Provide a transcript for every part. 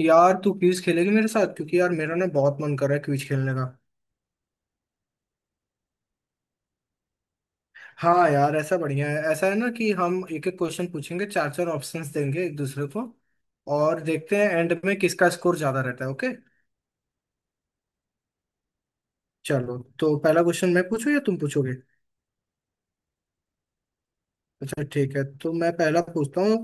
यार तू क्विज खेलेगी मेरे साथ क्योंकि यार मेरा ना बहुत मन कर रहा है क्विज खेलने का। हाँ यार ऐसा बढ़िया है, ऐसा है ना कि हम एक एक क्वेश्चन पूछेंगे, चार चार ऑप्शंस देंगे एक दूसरे को, और देखते हैं एंड में किसका स्कोर ज्यादा रहता है। ओके, चलो तो पहला क्वेश्चन मैं पूछूं या तुम पूछोगे। अच्छा ठीक है, तो मैं पहला पूछता हूँ।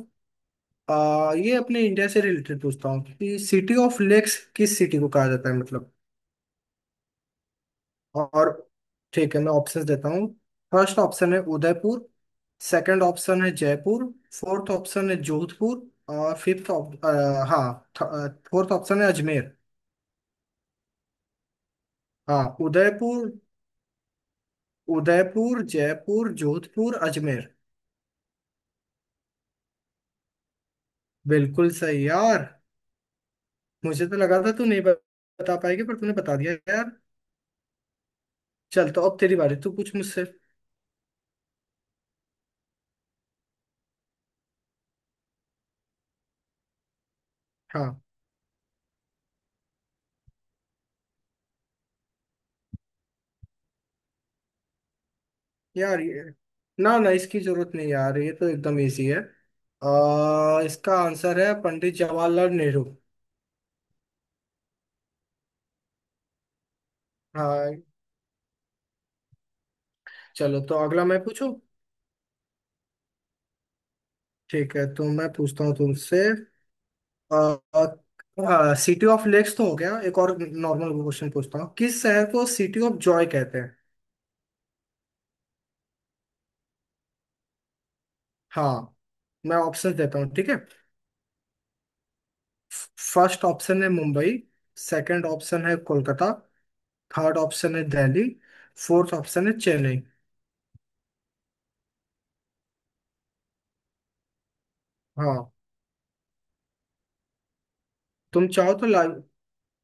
ये अपने इंडिया से रिलेटेड पूछता हूँ कि सिटी ऑफ लेक्स किस सिटी को कहा जाता है, मतलब। और ठीक है, मैं ऑप्शंस देता हूँ। फर्स्ट ऑप्शन है उदयपुर। सेकंड ऑप्शन है जयपुर। फोर्थ ऑप्शन है जोधपुर। और फिफ्थ। हाँ। फोर्थ ऑप्शन है अजमेर। हाँ, उदयपुर। उदयपुर, जयपुर, जोधपुर, अजमेर। बिल्कुल सही यार। मुझे तो लगा था तू नहीं बता पाएगी पर तूने बता दिया यार। चल तो अब तेरी बारी, तू पूछ मुझसे। हाँ यार, ये ना ना इसकी जरूरत नहीं यार, ये तो एकदम इजी है। इसका आंसर है पंडित जवाहरलाल नेहरू। हाँ, चलो तो अगला मैं पूछूं। ठीक है, तो मैं पूछता हूँ तुमसे। सिटी ऑफ लेक्स तो हो गया, एक और नॉर्मल क्वेश्चन पूछता हूँ, किस शहर को सिटी ऑफ जॉय कहते हैं। हाँ, मैं ऑप्शन देता हूँ, ठीक है। फर्स्ट ऑप्शन है मुंबई। सेकंड ऑप्शन है कोलकाता। थर्ड ऑप्शन है दिल्ली। फोर्थ ऑप्शन है चेन्नई। हाँ, तुम चाहो तो ला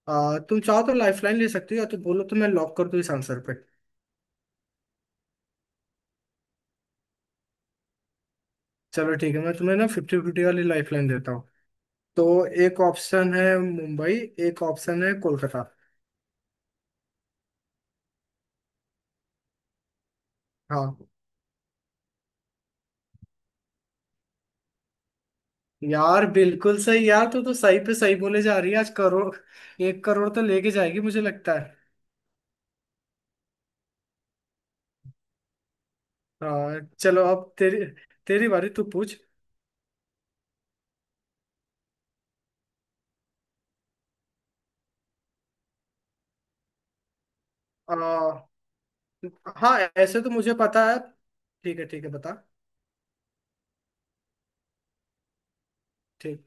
तुम चाहो तो लाइफलाइन ले सकती हो, या तो बोलो तो मैं लॉक कर दूं इस आंसर पे। चलो ठीक है, मैं तुम्हें ना फिफ्टी फिफ्टी वाली लाइफलाइन देता हूँ। तो एक ऑप्शन है मुंबई, एक ऑप्शन है कोलकाता। हाँ यार, बिल्कुल सही यार, तू तो सही पे सही बोले जा रही है आज। करोड़, एक करोड़ तो लेके जाएगी मुझे लगता है। हाँ, चलो अब तेरी तेरी बारी, तू पूछ। आ, हाँ ऐसे तो मुझे पता है। ठीक है ठीक है, बता। ठीक।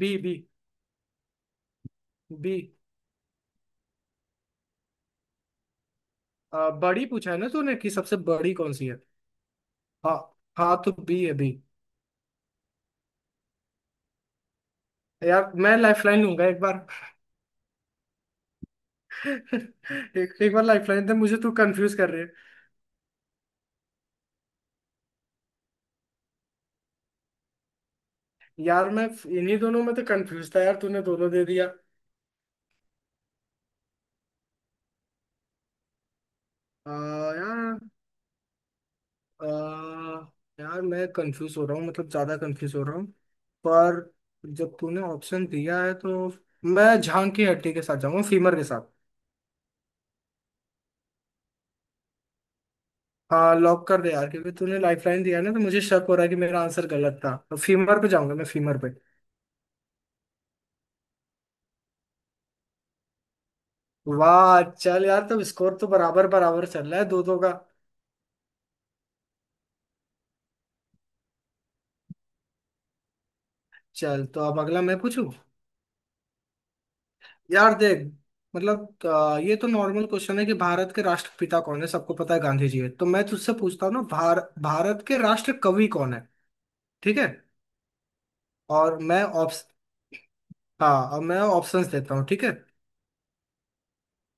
B B. बी। बड़ी पूछा है ना तूने कि सबसे बड़ी कौन सी है। हाँ। हाँ तो बी है, बी। यार मैं लाइफलाइन लूंगा एक बार। एक बार लाइफलाइन दे मुझे, तू कंफ्यूज कर रही है। यार मैं इन्हीं दोनों में तो कंफ्यूज था यार, तूने दोनों दे दिया। आ, यार आ, यार मैं कंफ्यूज हो रहा हूँ, मतलब ज्यादा कंफ्यूज हो रहा हूँ। पर जब तूने ऑप्शन दिया है तो मैं झांग की हड्डी के साथ जाऊंगा, फीमर के साथ। हाँ लॉक कर दे यार, क्योंकि तूने लाइफलाइन दिया है ना तो मुझे शक हो रहा है कि मेरा आंसर गलत था, तो फीमर पे जाऊंगा मैं, फीमर। वाह चल यार, तब स्कोर तो बराबर बराबर चल रहा है, दो दो का। चल तो अब अगला मैं पूछूं। यार देख, मतलब ये तो नॉर्मल क्वेश्चन है कि भारत के राष्ट्रपिता कौन है, सबको पता है गांधी जी है, तो मैं तुझसे पूछता हूँ ना, भारत के राष्ट्र कवि कौन है। ठीक है। और मैं ऑप्श हाँ और मैं ऑप्शंस देता हूँ, ठीक है।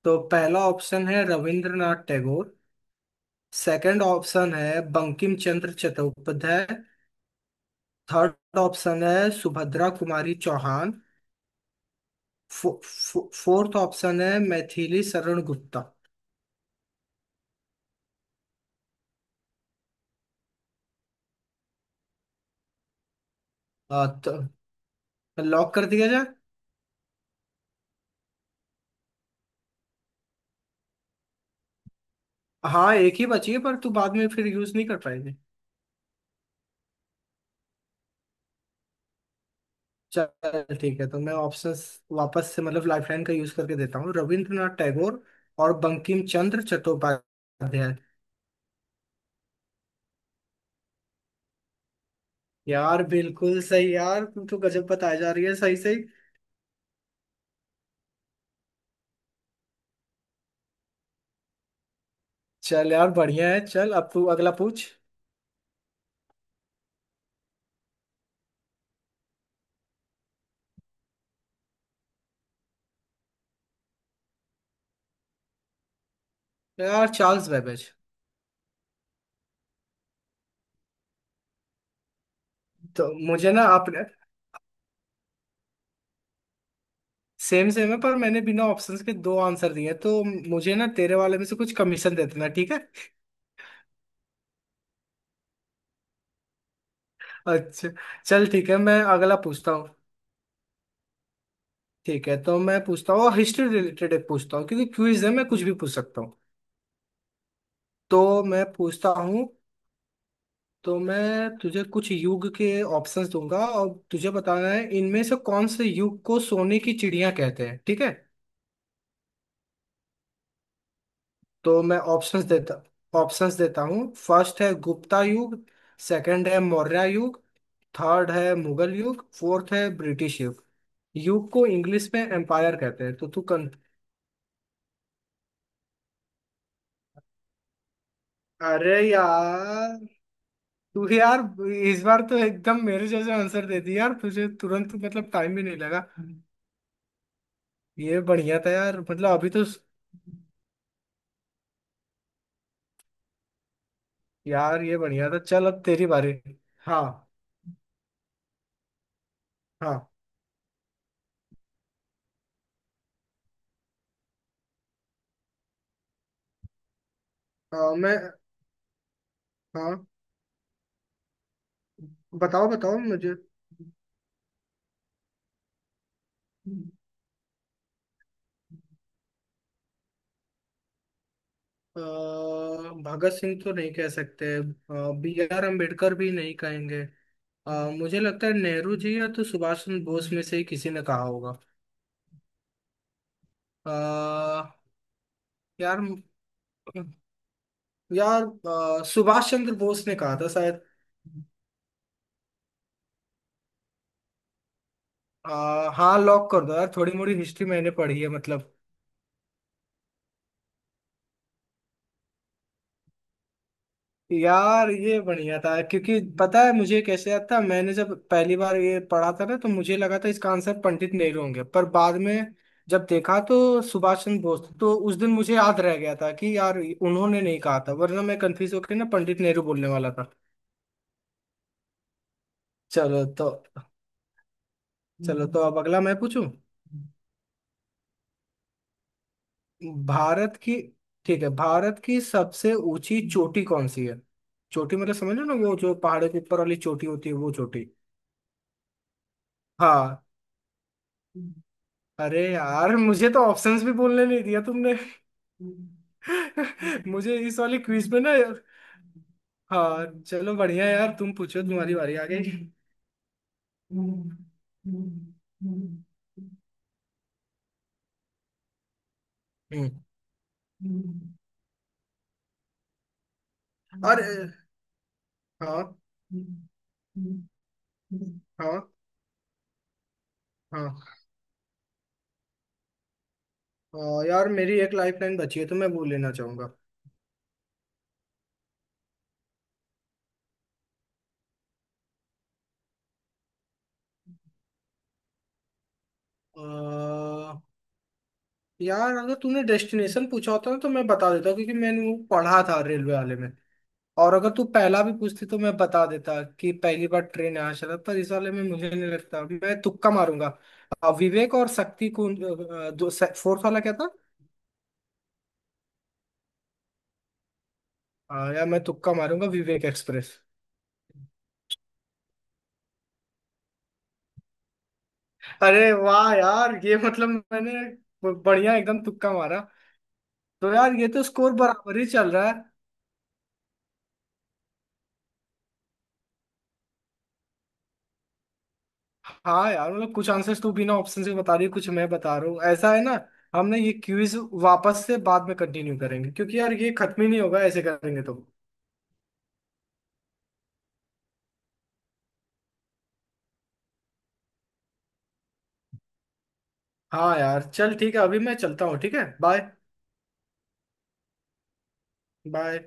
तो पहला ऑप्शन है रविंद्रनाथ टैगोर। सेकंड ऑप्शन है बंकिम चंद्र चट्टोपाध्याय। थर्ड ऑप्शन है सुभद्रा कुमारी चौहान। फो, फो, फोर्थ ऑप्शन है मैथिली शरण गुप्ता। तो लॉक कर दिया जाए। हाँ, एक ही बची है पर तू बाद में फिर यूज नहीं कर पाएगी। चल ठीक है, तो मैं ऑप्शन वापस से मतलब लाइफलाइन का यूज करके देता हूँ, रविंद्रनाथ टैगोर और बंकिम चंद्र चट्टोपाध्याय। यार बिल्कुल सही यार, तू तो गजब बताया जा रही है, सही सही। चल यार बढ़िया है, चल अब तू अगला पूछ। यार चार्ल्स बैबेज। तो मुझे ना अपने, सेम सेम है पर मैंने बिना ऑप्शंस के दो आंसर दिए हैं, तो मुझे ना तेरे वाले में से कुछ कमीशन दे देना, ठीक है। अच्छा, चल ठीक है मैं अगला पूछता हूँ। ठीक है, तो मैं पूछता हूँ हिस्ट्री रिलेटेड एक पूछता हूँ, क्योंकि क्विज है मैं कुछ भी पूछ सकता हूँ। तो मैं पूछता हूँ, तो मैं तुझे कुछ युग के ऑप्शंस दूंगा और तुझे बताना है इनमें से कौन से युग को सोने की चिड़िया कहते हैं, ठीक है। तो मैं ऑप्शंस देता हूँ, फर्स्ट है गुप्ता युग। सेकंड है मौर्य युग। थर्ड है मुगल युग। फोर्थ है ब्रिटिश युग। युग को इंग्लिश में एम्पायर कहते हैं, तो तू कन। अरे यार, तू यार इस बार तो एकदम मेरे जैसे आंसर दे दिया यार, तुझे तुरंत मतलब टाइम भी नहीं लगा। ये बढ़िया था यार, मतलब अभी तो, यार ये बढ़िया था। चल अब तेरी बारी। हाँ। हाँ मैं। हाँ। बताओ बताओ मुझे। अ, भगत सिंह तो नहीं कह सकते, बी आर अम्बेडकर भी नहीं कहेंगे। अ, मुझे लगता है नेहरू जी या तो सुभाष चंद्र बोस में से ही किसी ने कहा होगा। अ, यार यार अ, सुभाष चंद्र बोस ने कहा था शायद। अ, हाँ लॉक कर दो यार, थोड़ी मोड़ी हिस्ट्री मैंने पढ़ी है मतलब। यार ये बढ़िया था क्योंकि पता है मुझे कैसे याद था, मैंने जब पहली बार ये पढ़ा था ना तो मुझे लगा था इसका आंसर पंडित नेहरू होंगे, पर बाद में जब देखा तो सुभाष चंद्र बोस थे। तो उस दिन मुझे याद रह गया था कि यार उन्होंने नहीं कहा था, वरना मैं कंफ्यूज होकर ना पंडित नेहरू बोलने वाला था। चलो तो चलो तो अब अगला मैं पूछूं। भारत की, ठीक है, भारत की सबसे ऊंची चोटी कौन सी है। चोटी मतलब समझ लो ना, वो जो पहाड़ों के ऊपर वाली चोटी होती है, वो चोटी। हाँ। अरे यार मुझे तो ऑप्शंस भी बोलने नहीं दिया तुमने। मुझे इस वाली क्विज में ना। हाँ चलो बढ़िया यार, तुम पूछो, तुम्हारी बारी आ गई। हम्म। और हाँ। हाँ हाँ। यार मेरी एक लाइफ लाइन बची है तो मैं वो लेना चाहूंगा। अ, यार अगर तूने डेस्टिनेशन पूछा होता ना तो मैं बता देता क्योंकि मैंने वो पढ़ा था रेलवे वाले में, और अगर तू पहला भी पूछती तो मैं बता देता कि पहली बार ट्रेन यहाँ चला, पर इस वाले में मुझे नहीं लगता, मैं तुक्का मारूंगा। विवेक और शक्ति कौन दो, फोर्थ वाला क्या था। हाँ यार मैं तुक्का मारूंगा, विवेक एक्सप्रेस। अरे वाह यार ये मतलब मैंने बढ़िया एकदम तुक्का मारा। तो यार ये तो स्कोर बराबर ही चल रहा है। हाँ यार मतलब कुछ आंसर्स तू बिना ऑप्शन से बता रही है, कुछ मैं बता रहा हूँ, ऐसा है ना। हमने ये क्विज वापस से बाद में कंटिन्यू करेंगे क्योंकि यार ये खत्म ही नहीं होगा ऐसे करेंगे तो। हाँ यार चल ठीक है, अभी मैं चलता हूँ, ठीक है, बाय। बाय।